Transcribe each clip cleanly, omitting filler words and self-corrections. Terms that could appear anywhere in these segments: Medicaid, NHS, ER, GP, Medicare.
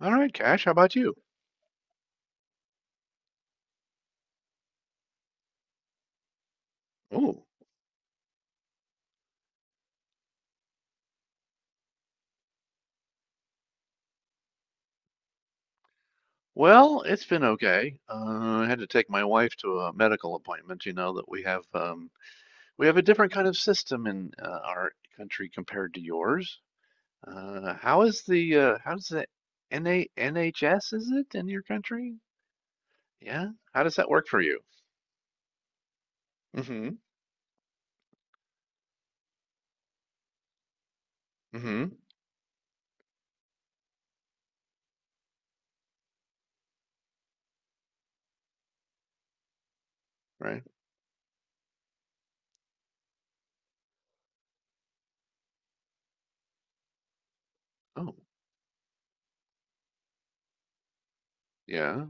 All right, Cash, how about you? Oh, well, it's been okay. I had to take my wife to a medical appointment. You know that we have a different kind of system in our country compared to yours. How is the how does the NHS, is it in your country? Yeah, how does that work for you? Mm-hmm. Mm-hmm. Right. Oh, yeah.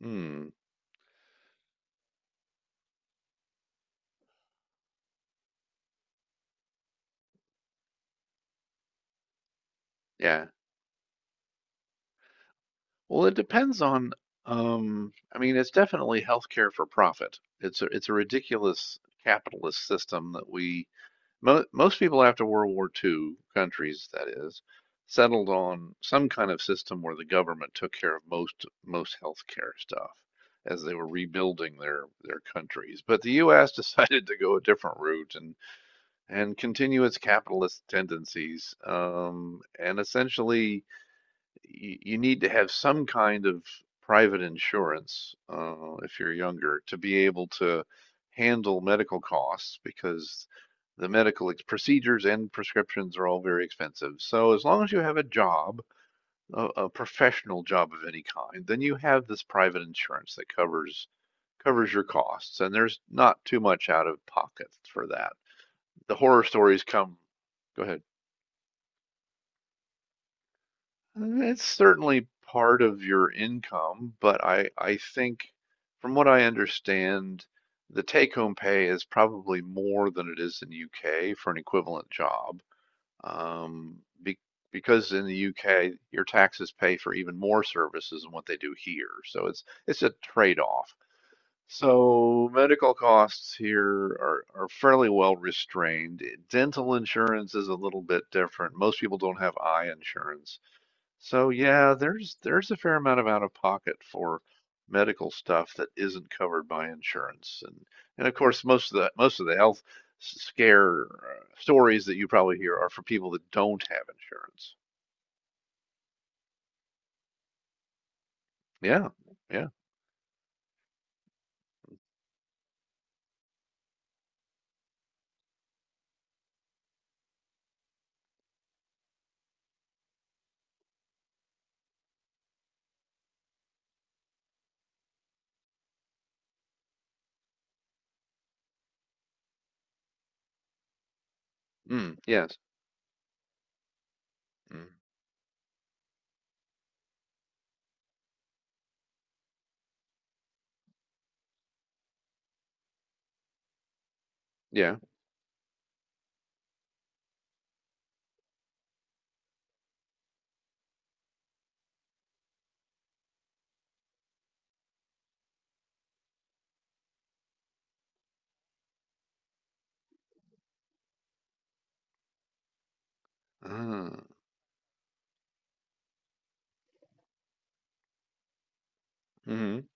Hmm. Yeah. Well, it depends on, I mean, it's definitely healthcare for profit. It's a ridiculous capitalist system. That we, mo most people after World War II, countries that is, settled on some kind of system where the government took care of most healthcare stuff as they were rebuilding their countries. But the US decided to go a different route and continue its capitalist tendencies, and essentially you need to have some kind of private insurance if you're younger to be able to handle medical costs, because the medical procedures and prescriptions are all very expensive. So as long as you have a job, a professional job of any kind, then you have this private insurance that covers your costs, and there's not too much out of pocket for that. The horror stories come. Go ahead. It's certainly part of your income, but I think from what I understand, the take-home pay is probably more than it is in the UK for an equivalent job. Um, be, because in the UK, your taxes pay for even more services than what they do here. So it's a trade-off. So medical costs here are fairly well restrained. Dental insurance is a little bit different. Most people don't have eye insurance. So yeah, there's a fair amount of out of pocket for medical stuff that isn't covered by insurance. And of course most of the health scare stories that you probably hear are for people that don't have insurance. Yeah. Yeah. Mm, yes. Mm, yeah. Uh, hmm.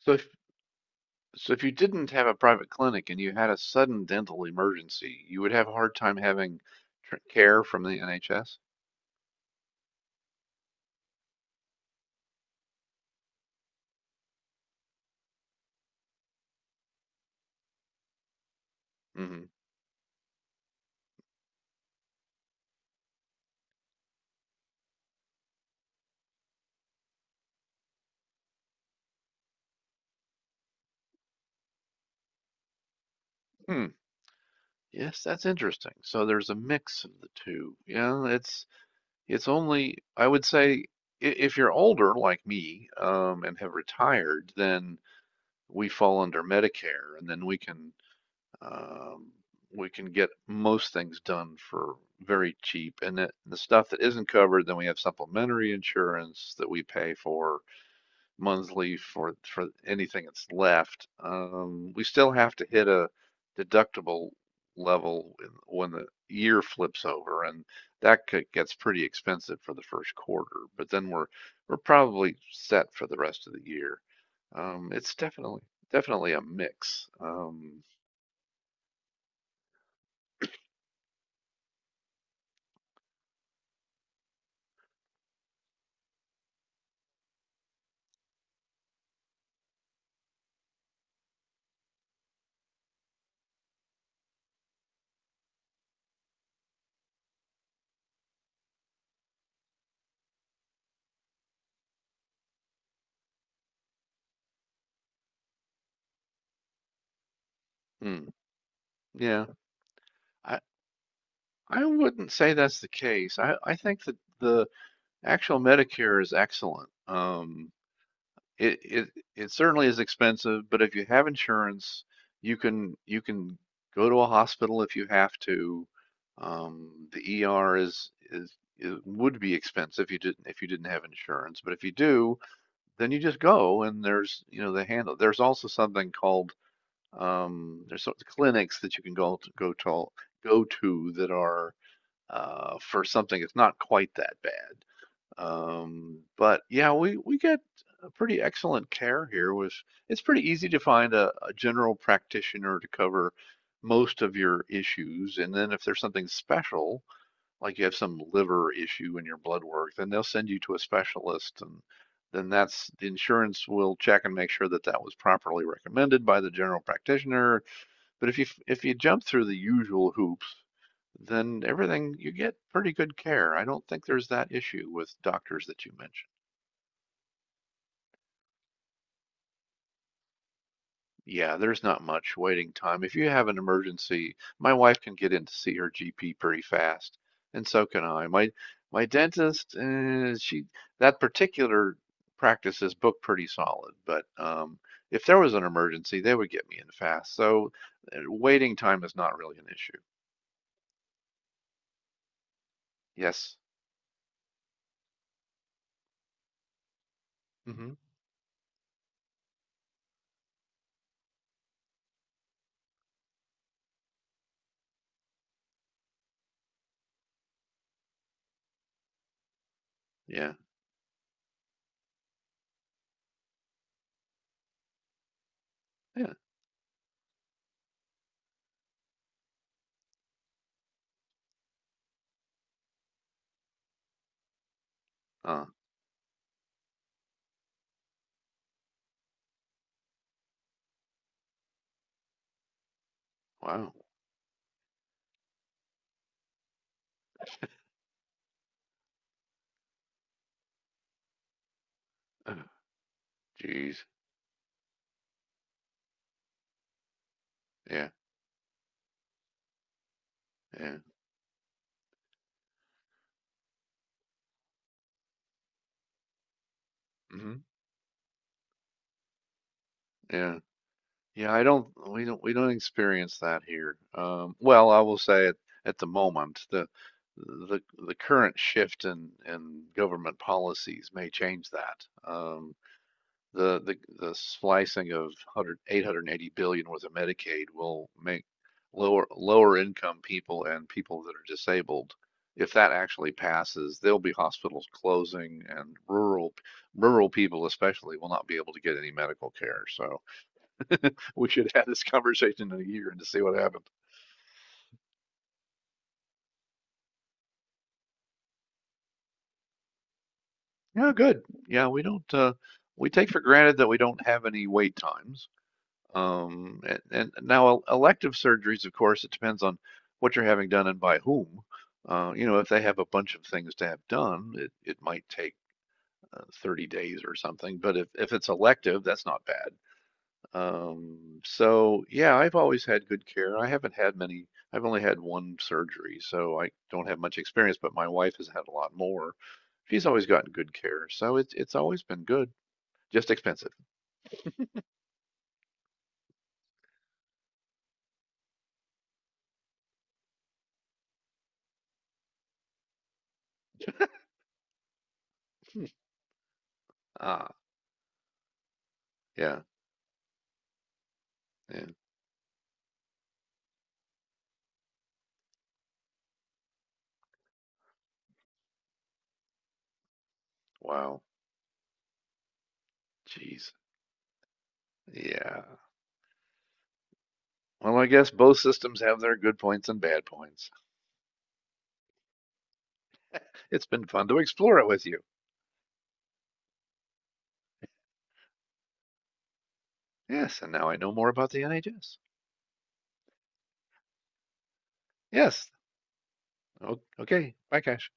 So if so if you didn't have a private clinic and you had a sudden dental emergency, you would have a hard time having tr care from the NHS. Mm-hmm. Yes, that's interesting. So there's a mix of the two. Yeah, it's only, I would say, if you're older like me and have retired, then we fall under Medicare, and then we can um, get most things done for very cheap. And that, the stuff that isn't covered, then we have supplementary insurance that we pay for monthly for, anything that's left. We still have to hit a deductible level when the year flips over, and gets pretty expensive for the first quarter, but then we're probably set for the rest of the year. It's definitely a mix. Hmm, yeah, I, I wouldn't say that's the case. I think that the actual Medicare is excellent. It it it certainly is expensive, but if you have insurance, you can go to a hospital if you have to. The ER is it would be expensive if you didn't have insurance, but if you do, then you just go and there's, they handle. There's also something called, there's sort of clinics that you can go to, that are for something that's not quite that bad. But yeah, we get a pretty excellent care here. With it's pretty easy to find a general practitioner to cover most of your issues, and then if there's something special, like you have some liver issue in your blood work, then they'll send you to a specialist, and then that's the insurance will check and make sure that that was properly recommended by the general practitioner. But if you jump through the usual hoops, then everything, you get pretty good care. I don't think there's that issue with doctors that you mentioned. Yeah, there's not much waiting time. If you have an emergency, my wife can get in to see her GP pretty fast, and so can I. My dentist, she that particular practice is booked pretty solid, but if there was an emergency, they would get me in fast. So waiting time is not really an issue. Yes. Hmm. Yeah. Yeah. Uh, wow. Uh, Jeez. Yeah. Yeah. Hmm. Yeah. Yeah, I don't we don't experience that here. Well, I will say at, the moment the the current shift in government policies may change that. The slicing of one hundred eight hundred eighty billion worth of Medicaid will make lower income people and people that are disabled. If that actually passes, there'll be hospitals closing, and rural people especially will not be able to get any medical care. So we should have this conversation in a year and to see what happened. Yeah, good. Yeah, we don't we take for granted that we don't have any wait times. Um, and now elective surgeries, of course, it depends on what you're having done and by whom. If they have a bunch of things to have done, it might take 30 days or something. But if it's elective, that's not bad. So yeah, I've always had good care. I haven't had many, I've only had one surgery, so I don't have much experience, but my wife has had a lot more. She's always gotten good care, so it's always been good, just expensive. Hmm. Ah, yeah, yeah. Wow. Jeez. Yeah. Well, I guess both systems have their good points and bad points. It's been fun to explore it with you. Yes, and now I know more about the NHS. Yes. Okay. Bye, Cash.